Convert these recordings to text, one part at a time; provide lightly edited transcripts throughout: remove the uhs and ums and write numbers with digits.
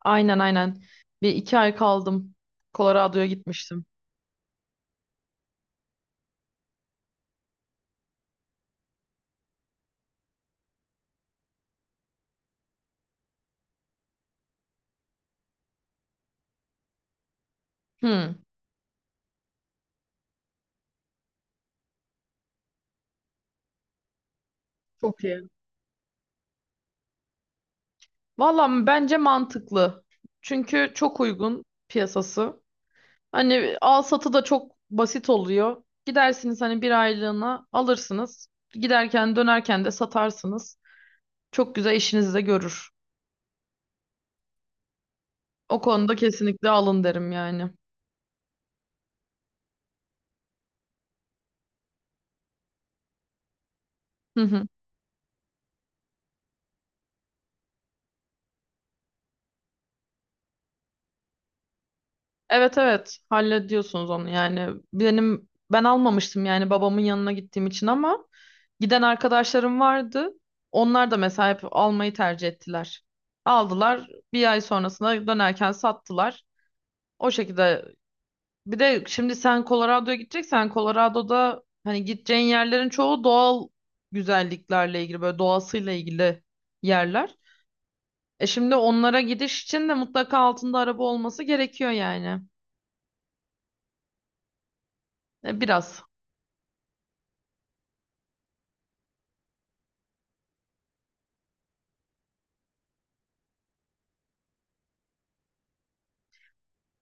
Aynen, aynen. Bir iki ay kaldım. Colorado'ya gitmiştim. Hmm. Çok iyi. Valla bence mantıklı. Çünkü çok uygun piyasası. Hani al satı da çok basit oluyor. Gidersiniz hani bir aylığına alırsınız. Giderken dönerken de satarsınız. Çok güzel işinizi de görür. O konuda kesinlikle alın derim yani. Hı hı. Evet, evet, hallediyorsunuz onu yani. Ben almamıştım yani babamın yanına gittiğim için ama giden arkadaşlarım vardı. Onlar da mesela hep almayı tercih ettiler. Aldılar. Bir ay sonrasında dönerken sattılar. O şekilde. Bir de şimdi sen Colorado'ya gideceksen Colorado'da hani gideceğin yerlerin çoğu doğal güzelliklerle ilgili, böyle doğasıyla ilgili yerler. E şimdi onlara gidiş için de mutlaka altında araba olması gerekiyor yani. E biraz.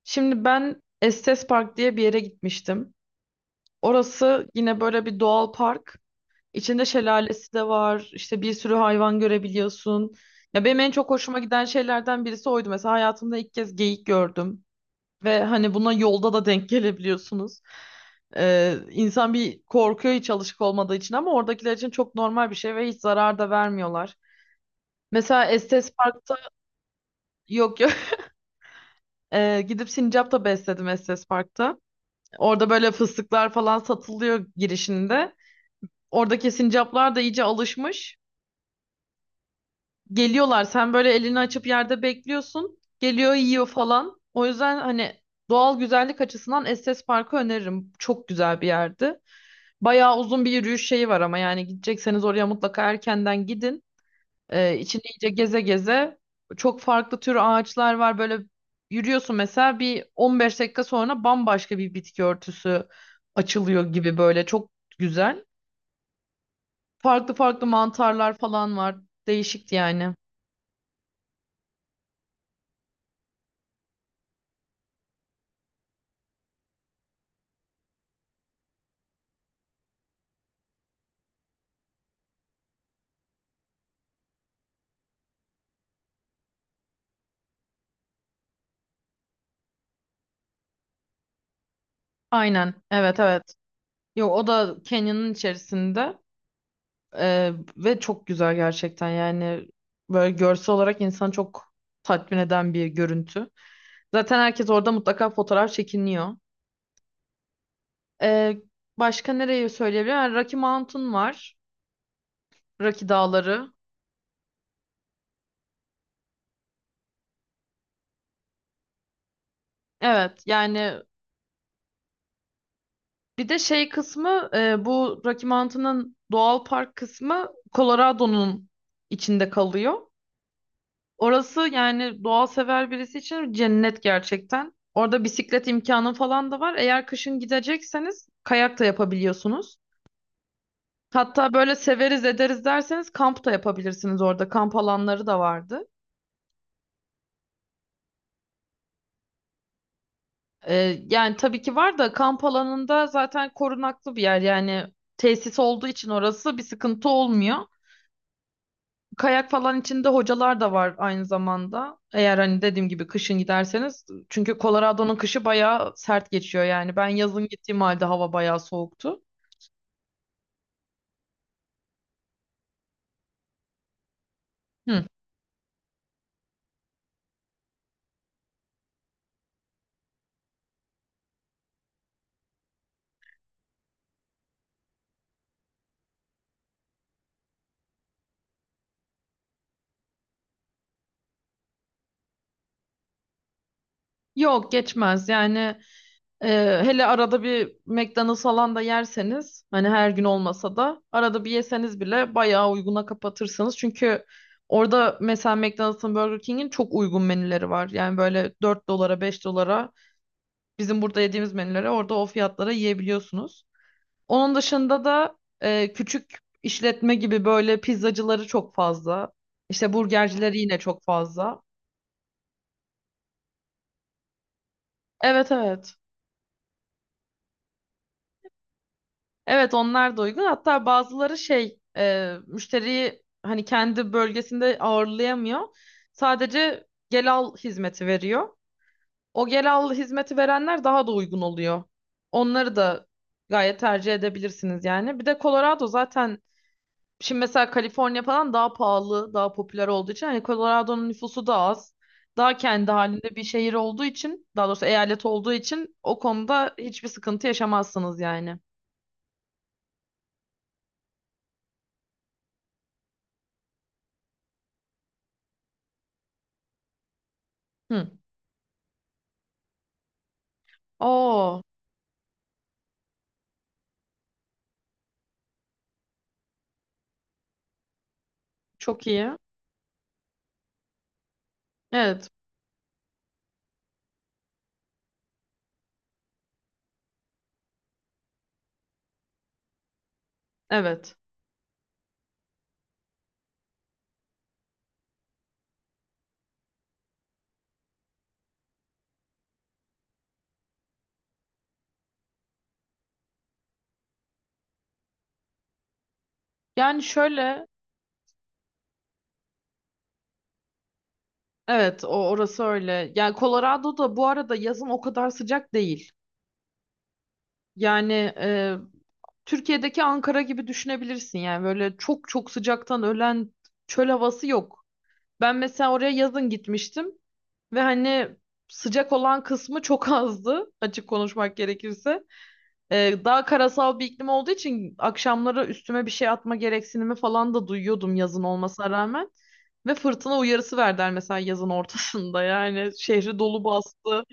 Şimdi ben Estes Park diye bir yere gitmiştim. Orası yine böyle bir doğal park. İçinde şelalesi de var. İşte bir sürü hayvan görebiliyorsun. Ya benim en çok hoşuma giden şeylerden birisi oydu. Mesela hayatımda ilk kez geyik gördüm. Ve hani buna yolda da denk gelebiliyorsunuz. İnsan bir korkuyor hiç alışık olmadığı için ama oradakiler için çok normal bir şey ve hiç zarar da vermiyorlar. Mesela Estes Park'ta yok, yok. Gidip sincap da besledim Estes Park'ta. Orada böyle fıstıklar falan satılıyor girişinde. Oradaki sincaplar da iyice alışmış. Geliyorlar. Sen böyle elini açıp yerde bekliyorsun. Geliyor, yiyor falan. O yüzden hani doğal güzellik açısından Estes Park'ı öneririm. Çok güzel bir yerdi. Bayağı uzun bir yürüyüş şeyi var ama yani gidecekseniz oraya mutlaka erkenden gidin. İçini iyice geze geze çok farklı tür ağaçlar var. Böyle yürüyorsun mesela bir 15 dakika sonra bambaşka bir bitki örtüsü açılıyor gibi böyle çok güzel. Farklı farklı mantarlar falan var. Değişikti yani. Aynen. Evet, evet. Yok, o da Kenya'nın içerisinde Ee, ve çok güzel gerçekten yani böyle görsel olarak insanı çok tatmin eden bir görüntü. Zaten herkes orada mutlaka fotoğraf çekiniyor. Ee, Başka nereyi söyleyebilirim? Yani Rocky Mountain var. Rocky Dağları. Evet yani bir de şey kısmı bu Rocky Mountain'ın doğal park kısmı Colorado'nun içinde kalıyor. Orası yani doğa sever birisi için cennet gerçekten. Orada bisiklet imkanı falan da var. Eğer kışın gidecekseniz kayak da yapabiliyorsunuz. Hatta böyle severiz ederiz derseniz kamp da yapabilirsiniz orada. Kamp alanları da vardı. Ee, Yani tabii ki var da kamp alanında zaten korunaklı bir yer. Yani tesis olduğu için orası bir sıkıntı olmuyor. Kayak falan içinde hocalar da var aynı zamanda. Eğer hani dediğim gibi kışın giderseniz. Çünkü Colorado'nun kışı bayağı sert geçiyor yani. Ben yazın gittiğim halde hava bayağı soğuktu. Hı. Yok geçmez yani, e, hele arada bir McDonald's falan da yerseniz hani her gün olmasa da arada bir yeseniz bile bayağı uyguna kapatırsınız. Çünkü orada mesela McDonald's'ın Burger King'in çok uygun menüleri var. Yani böyle 4 dolara 5 dolara bizim burada yediğimiz menüleri orada o fiyatlara yiyebiliyorsunuz. Onun dışında da küçük işletme gibi böyle pizzacıları çok fazla. İşte burgercileri yine çok fazla. Evet, evet. Evet, onlar da uygun. Hatta bazıları şey müşteriyi hani kendi bölgesinde ağırlayamıyor. Sadece gel al hizmeti veriyor. O gel al hizmeti verenler daha da uygun oluyor. Onları da gayet tercih edebilirsiniz yani. Bir de Colorado zaten şimdi mesela Kaliforniya falan daha pahalı, daha popüler olduğu için hani Colorado'nun nüfusu da az. Daha kendi halinde bir şehir olduğu için, daha doğrusu eyalet olduğu için o konuda hiçbir sıkıntı yaşamazsınız yani. Hı. Oo, çok iyi. Evet, evet. Yani şöyle, evet, o orası öyle. Yani Colorado'da bu arada yazın o kadar sıcak değil. Yani Türkiye'deki Ankara gibi düşünebilirsin yani böyle çok çok sıcaktan ölen çöl havası yok. Ben mesela oraya yazın gitmiştim. Ve hani sıcak olan kısmı çok azdı açık konuşmak gerekirse. Daha karasal bir iklim olduğu için akşamları üstüme bir şey atma gereksinimi falan da duyuyordum yazın olmasına rağmen. Ve fırtına uyarısı verdiler mesela yazın ortasında yani şehri dolu bastı.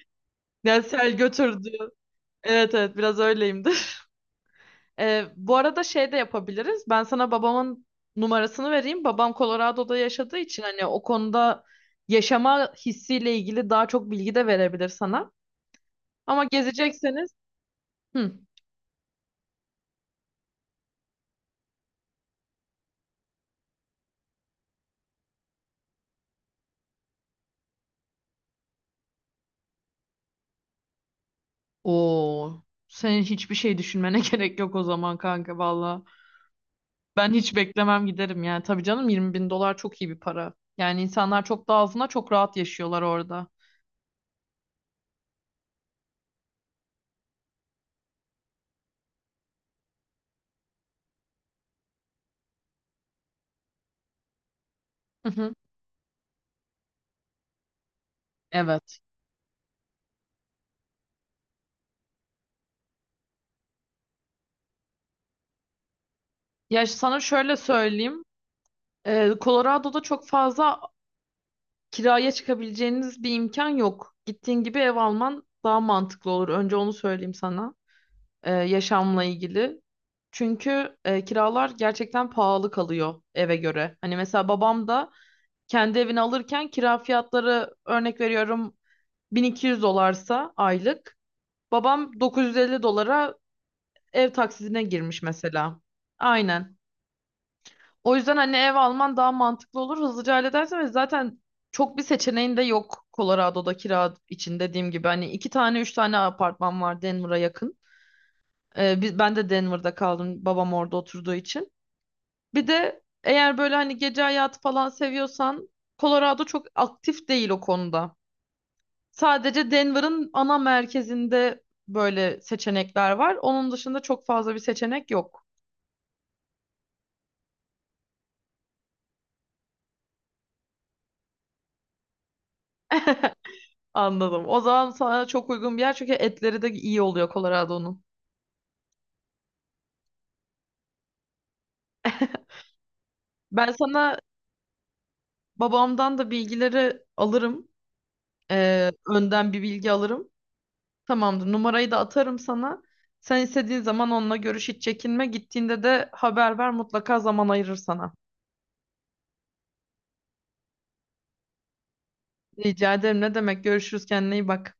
Yani sel götürdü. Evet evet biraz öyleyimdir. Bu arada şey de yapabiliriz. Ben sana babamın numarasını vereyim. Babam Colorado'da yaşadığı için hani o konuda yaşama hissiyle ilgili daha çok bilgi de verebilir sana. Ama gezecekseniz hı. Oo. Senin hiçbir şey düşünmene gerek yok o zaman kanka valla. Ben hiç beklemem giderim yani. Tabii canım, 20 bin dolar çok iyi bir para. Yani insanlar çok daha azına çok rahat yaşıyorlar orada. Hı hı. Evet. Ya sana şöyle söyleyeyim. Colorado'da çok fazla kiraya çıkabileceğiniz bir imkan yok. Gittiğin gibi ev alman daha mantıklı olur. Önce onu söyleyeyim sana. Yaşamla ilgili. Çünkü kiralar gerçekten pahalı kalıyor eve göre. Hani mesela babam da kendi evini alırken kira fiyatları, örnek veriyorum, 1200 dolarsa aylık. Babam 950 dolara ev taksidine girmiş mesela. Aynen. O yüzden hani ev alman daha mantıklı olur. Hızlıca halledersin ve zaten çok bir seçeneğin de yok Colorado'da kira için dediğim gibi. Hani iki tane üç tane apartman var Denver'a yakın. Ben de Denver'da kaldım babam orada oturduğu için. Bir de eğer böyle hani gece hayatı falan seviyorsan Colorado çok aktif değil o konuda. Sadece Denver'ın ana merkezinde böyle seçenekler var. Onun dışında çok fazla bir seçenek yok. Anladım. O zaman sana çok uygun bir yer çünkü etleri de iyi oluyor Colorado'nun. Ben sana babamdan da bilgileri alırım. Önden bir bilgi alırım. Tamamdır. Numarayı da atarım sana. Sen istediğin zaman onunla görüş, hiç çekinme. Gittiğinde de haber ver, mutlaka zaman ayırır sana. Rica ederim. Ne demek? Görüşürüz. Kendine iyi bak.